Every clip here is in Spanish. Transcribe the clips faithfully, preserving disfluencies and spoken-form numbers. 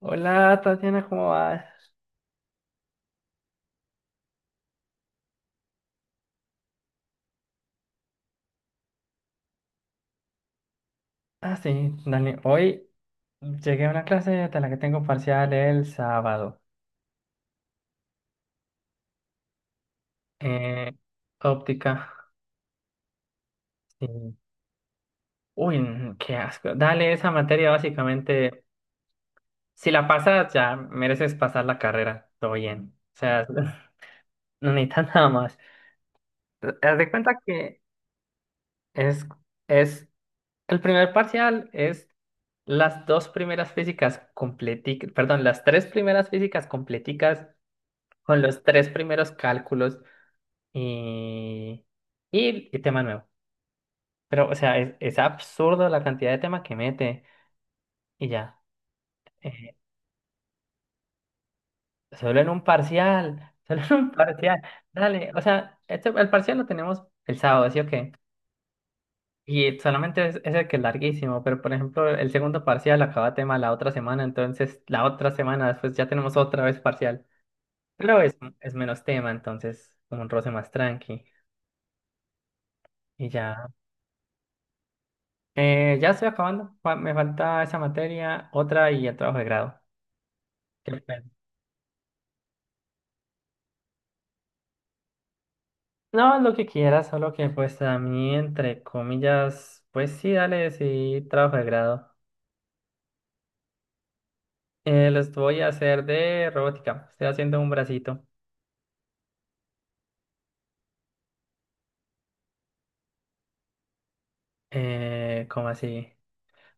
Hola Tatiana, ¿cómo vas? Ah, sí, dale. Hoy llegué a una clase de la que tengo parcial el sábado. Eh, óptica. Sí. Uy, n- qué asco. Dale, esa materia básicamente, si la pasas ya mereces pasar la carrera. Todo bien. O sea, no necesitas nada más. Haz de cuenta que es, es el primer parcial es las dos primeras físicas completicas, perdón, las tres primeras físicas completicas con los tres primeros cálculos y, y, y tema nuevo. Pero, o sea, es, es absurdo la cantidad de tema que mete y ya. eh, Solo en un parcial, solo en un parcial. Dale, o sea, este- el parcial lo tenemos el sábado, ¿sí o qué? Y solamente es, es el que es larguísimo, pero por ejemplo, el segundo parcial acaba tema la otra semana, entonces la otra semana después ya tenemos otra vez parcial. Pero es, es menos tema, entonces como un roce más tranqui y ya. Eh, ya estoy acabando. Fa- Me falta esa materia, otra y el trabajo de grado. Qué pena. No, lo que quieras, solo que pues a mí, entre comillas, pues sí, dale, sí, trabajo de grado. Eh, los voy a hacer de robótica. Estoy haciendo un bracito. Eh, ¿cómo así?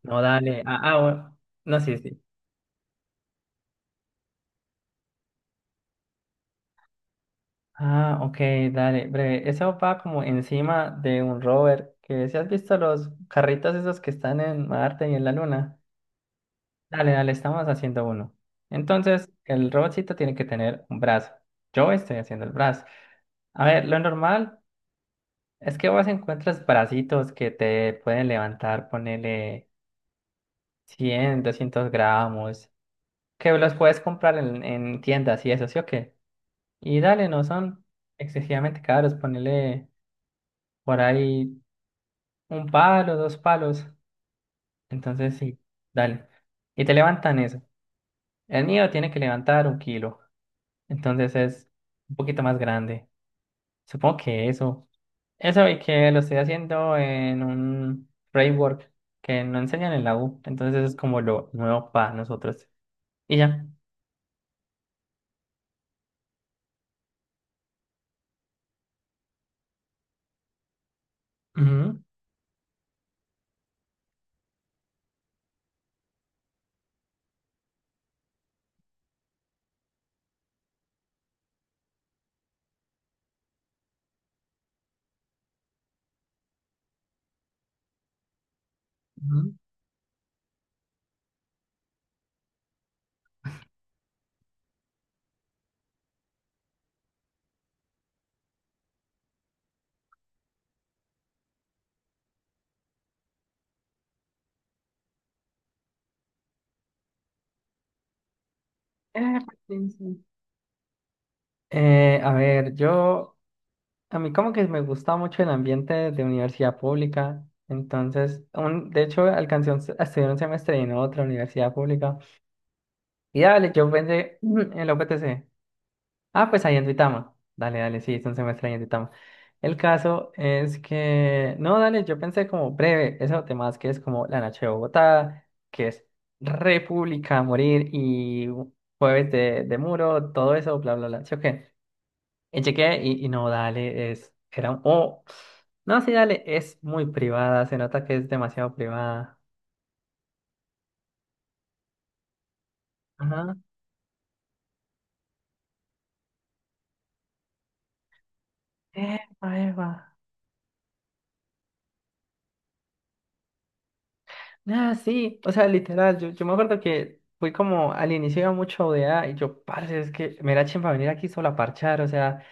No, dale. Ah, ah, bueno. No, sí, sí. Ah, ok, dale. Breve. Eso va como encima de un rover, que si has visto los carritos esos que están en Marte y en la Luna. Dale, dale, estamos haciendo uno. Entonces, el robotcito tiene que tener un brazo. Yo estoy haciendo el brazo. A ver, lo normal es que vos encuentres bracitos que te pueden levantar, ponele cien, doscientos gramos, que los puedes comprar en, en tiendas y eso, ¿sí o qué? Y dale, no son excesivamente caros, ponele por ahí un palo, dos palos. Entonces, sí, dale. Y te levantan eso. El mío tiene que levantar un kilo. Entonces es un poquito más grande. Supongo que eso. Eso y que lo estoy haciendo en un framework que no enseñan en la U. Entonces es como lo nuevo para nosotros. Y ya. Ujú, ujú. Ah, pues, sí. Sí. Eh, a ver, yo, a mí como que me gusta mucho el ambiente de universidad pública, entonces, un, de hecho, alcancé un se- a estudiar un semestre en otra universidad pública, y dale, yo pensé en la U P T C. Ah, pues ahí en Duitama. Dale, dale, sí, es un semestre ahí en Duitama. El caso es que, no, dale, yo pensé como breve, eso temas que es como la noche de Bogotá, que es República a morir y jueves de, de muro, todo eso, bla, bla, bla. Sí, ok. Y chequé y, y no, dale, es, era un, oh, no, sí, dale, es muy privada, se nota que es demasiado privada. Ajá. Epa, epa. Ah, sí, o sea, literal, yo, yo me acuerdo que fui como al inicio iba mucho de a y yo, parce, es que me da chimba venir aquí solo a parchar, o sea,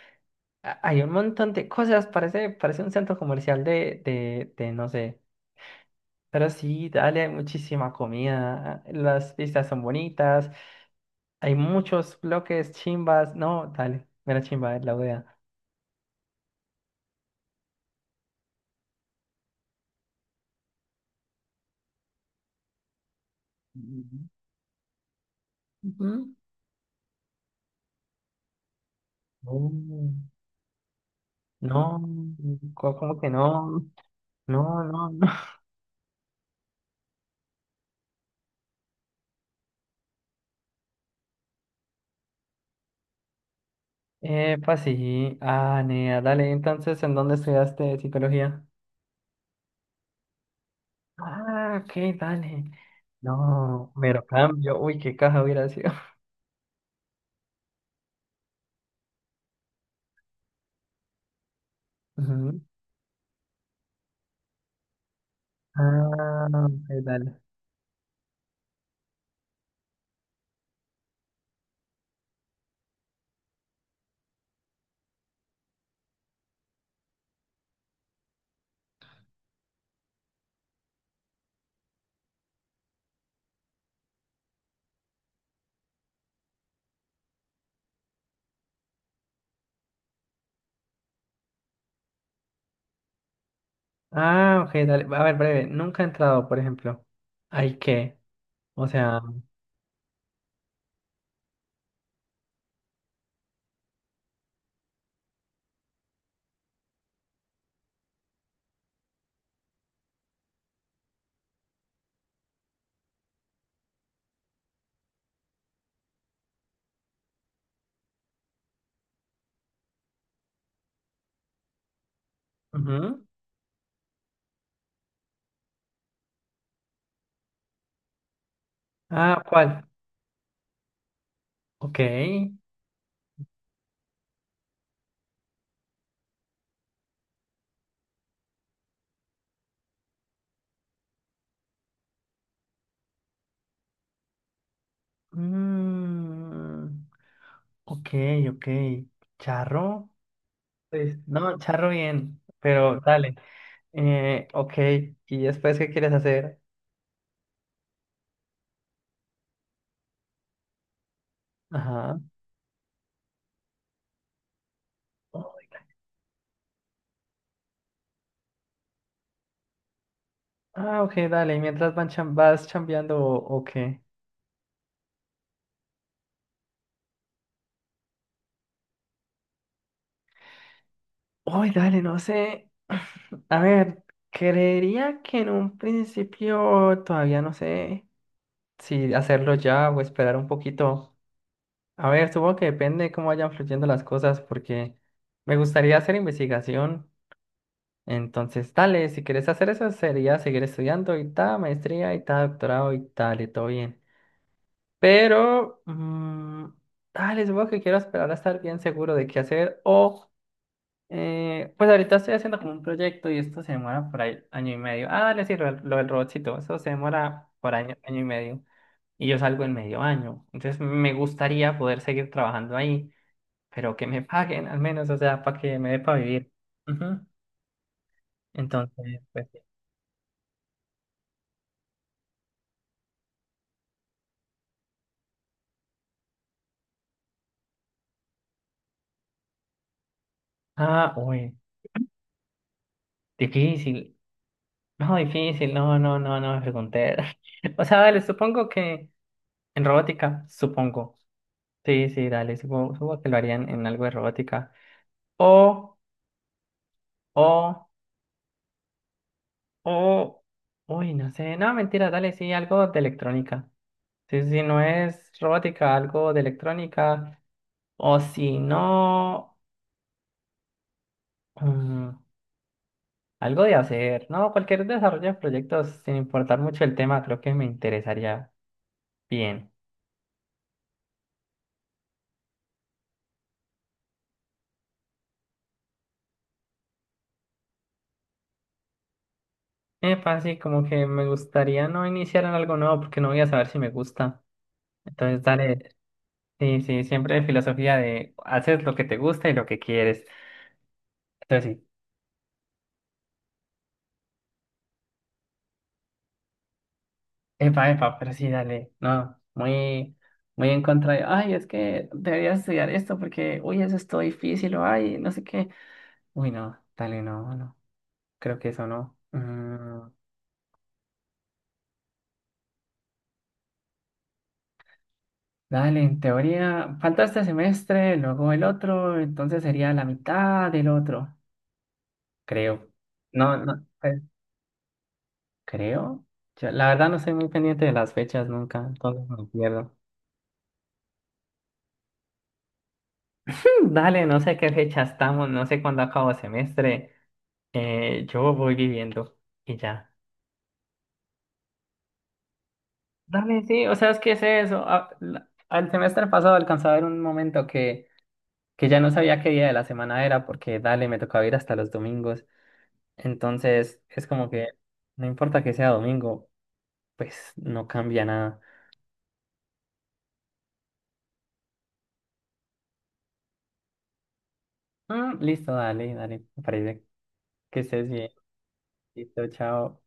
a- hay un montón de cosas, parece, parece un centro comercial de, de, de, no sé, pero sí, dale, hay muchísima comida, las vistas son bonitas, hay muchos bloques, chimbas, no, dale, me da chimba la O D A. Ujú. No, no, co- ¿cómo que no? No, no, epa, sí. Ah, nea, dale. Entonces, ¿en dónde estudiaste psicología? Ah, ok, dale. No, mero cambio. Uy, qué caja hubiera sido. Ujú. Ah, ok, dale. Ah, ok, dale. A ver, breve. Nunca he entrado, por ejemplo. ¿Hay qué? O sea, ujú. Ah, ¿cuál? Ok. Mm, ok, ok. ¿Charro? Pues, no, charro bien. Pero dale. Eh, ok, ¿y después qué quieres hacer? Ajá. Ah, ok, dale, ¿y mientras van cham- vas chambeando o o qué? Uy, dale, no sé. A ver, creería que en un principio todavía no sé si hacerlo ya o esperar un poquito. A ver, supongo que depende de cómo vayan fluyendo las cosas porque me gustaría hacer investigación. Entonces, dale, si quieres hacer eso sería seguir estudiando y tal, maestría y tal, doctorado y tal, y todo bien. Pero, mm, dale, supongo que quiero esperar a estar bien seguro de qué hacer. O, eh, pues ahorita estoy haciendo como un proyecto y esto se demora por ahí año y medio. Ah, dale, sí, lo, del lo del robotcito, eso se demora por año, año y medio. Y yo salgo en medio año. Entonces me gustaría poder seguir trabajando ahí, pero que me paguen al menos, o sea, para que me dé para vivir. Ujú. Entonces, pues sí. Ah, uy, difícil. No, difícil, no, no, no, no me pregunté. O sea, dale, supongo que. En robótica, supongo. Sí, sí, dale, supongo, supongo que lo harían en algo de robótica. O, o, o, uy, no sé, no, mentira, dale, sí, algo de electrónica. Sí, sí, no es robótica, algo de electrónica. O si no, mm, algo de hacer, ¿no? Cualquier desarrollo de proyectos, sin importar mucho el tema, creo que me interesaría bien. Epa, sí, como que me gustaría no iniciar en algo nuevo porque no voy a saber si me gusta. Entonces, dale, sí, sí, siempre filosofía de haces lo que te gusta y lo que quieres. Entonces sí, epa, epa, pero sí, dale, no, muy, muy en contra de, ay, es que deberías estudiar esto porque, uy, eso es todo difícil, o ay, no sé qué. Uy, no, dale, no, no, creo que eso no. Mm, dale, en teoría, falta este semestre, luego el otro, entonces sería la mitad del otro, creo. No, no, pues, creo. Yo, la verdad no soy muy pendiente de las fechas nunca, entonces me pierdo. Dale, no sé qué fecha estamos, no sé cuándo acabo semestre. Eh, yo voy viviendo y ya. Dale, sí, o sea, es que es eso. A- la- al semestre pasado alcanzaba a ver un momento que, que ya no sabía qué día de la semana era porque, dale, me tocaba ir hasta los domingos. Entonces, es como que no importa que sea domingo, pues no cambia nada. Mm, listo, dale, dale, me parece que estés bien. Listo, chao.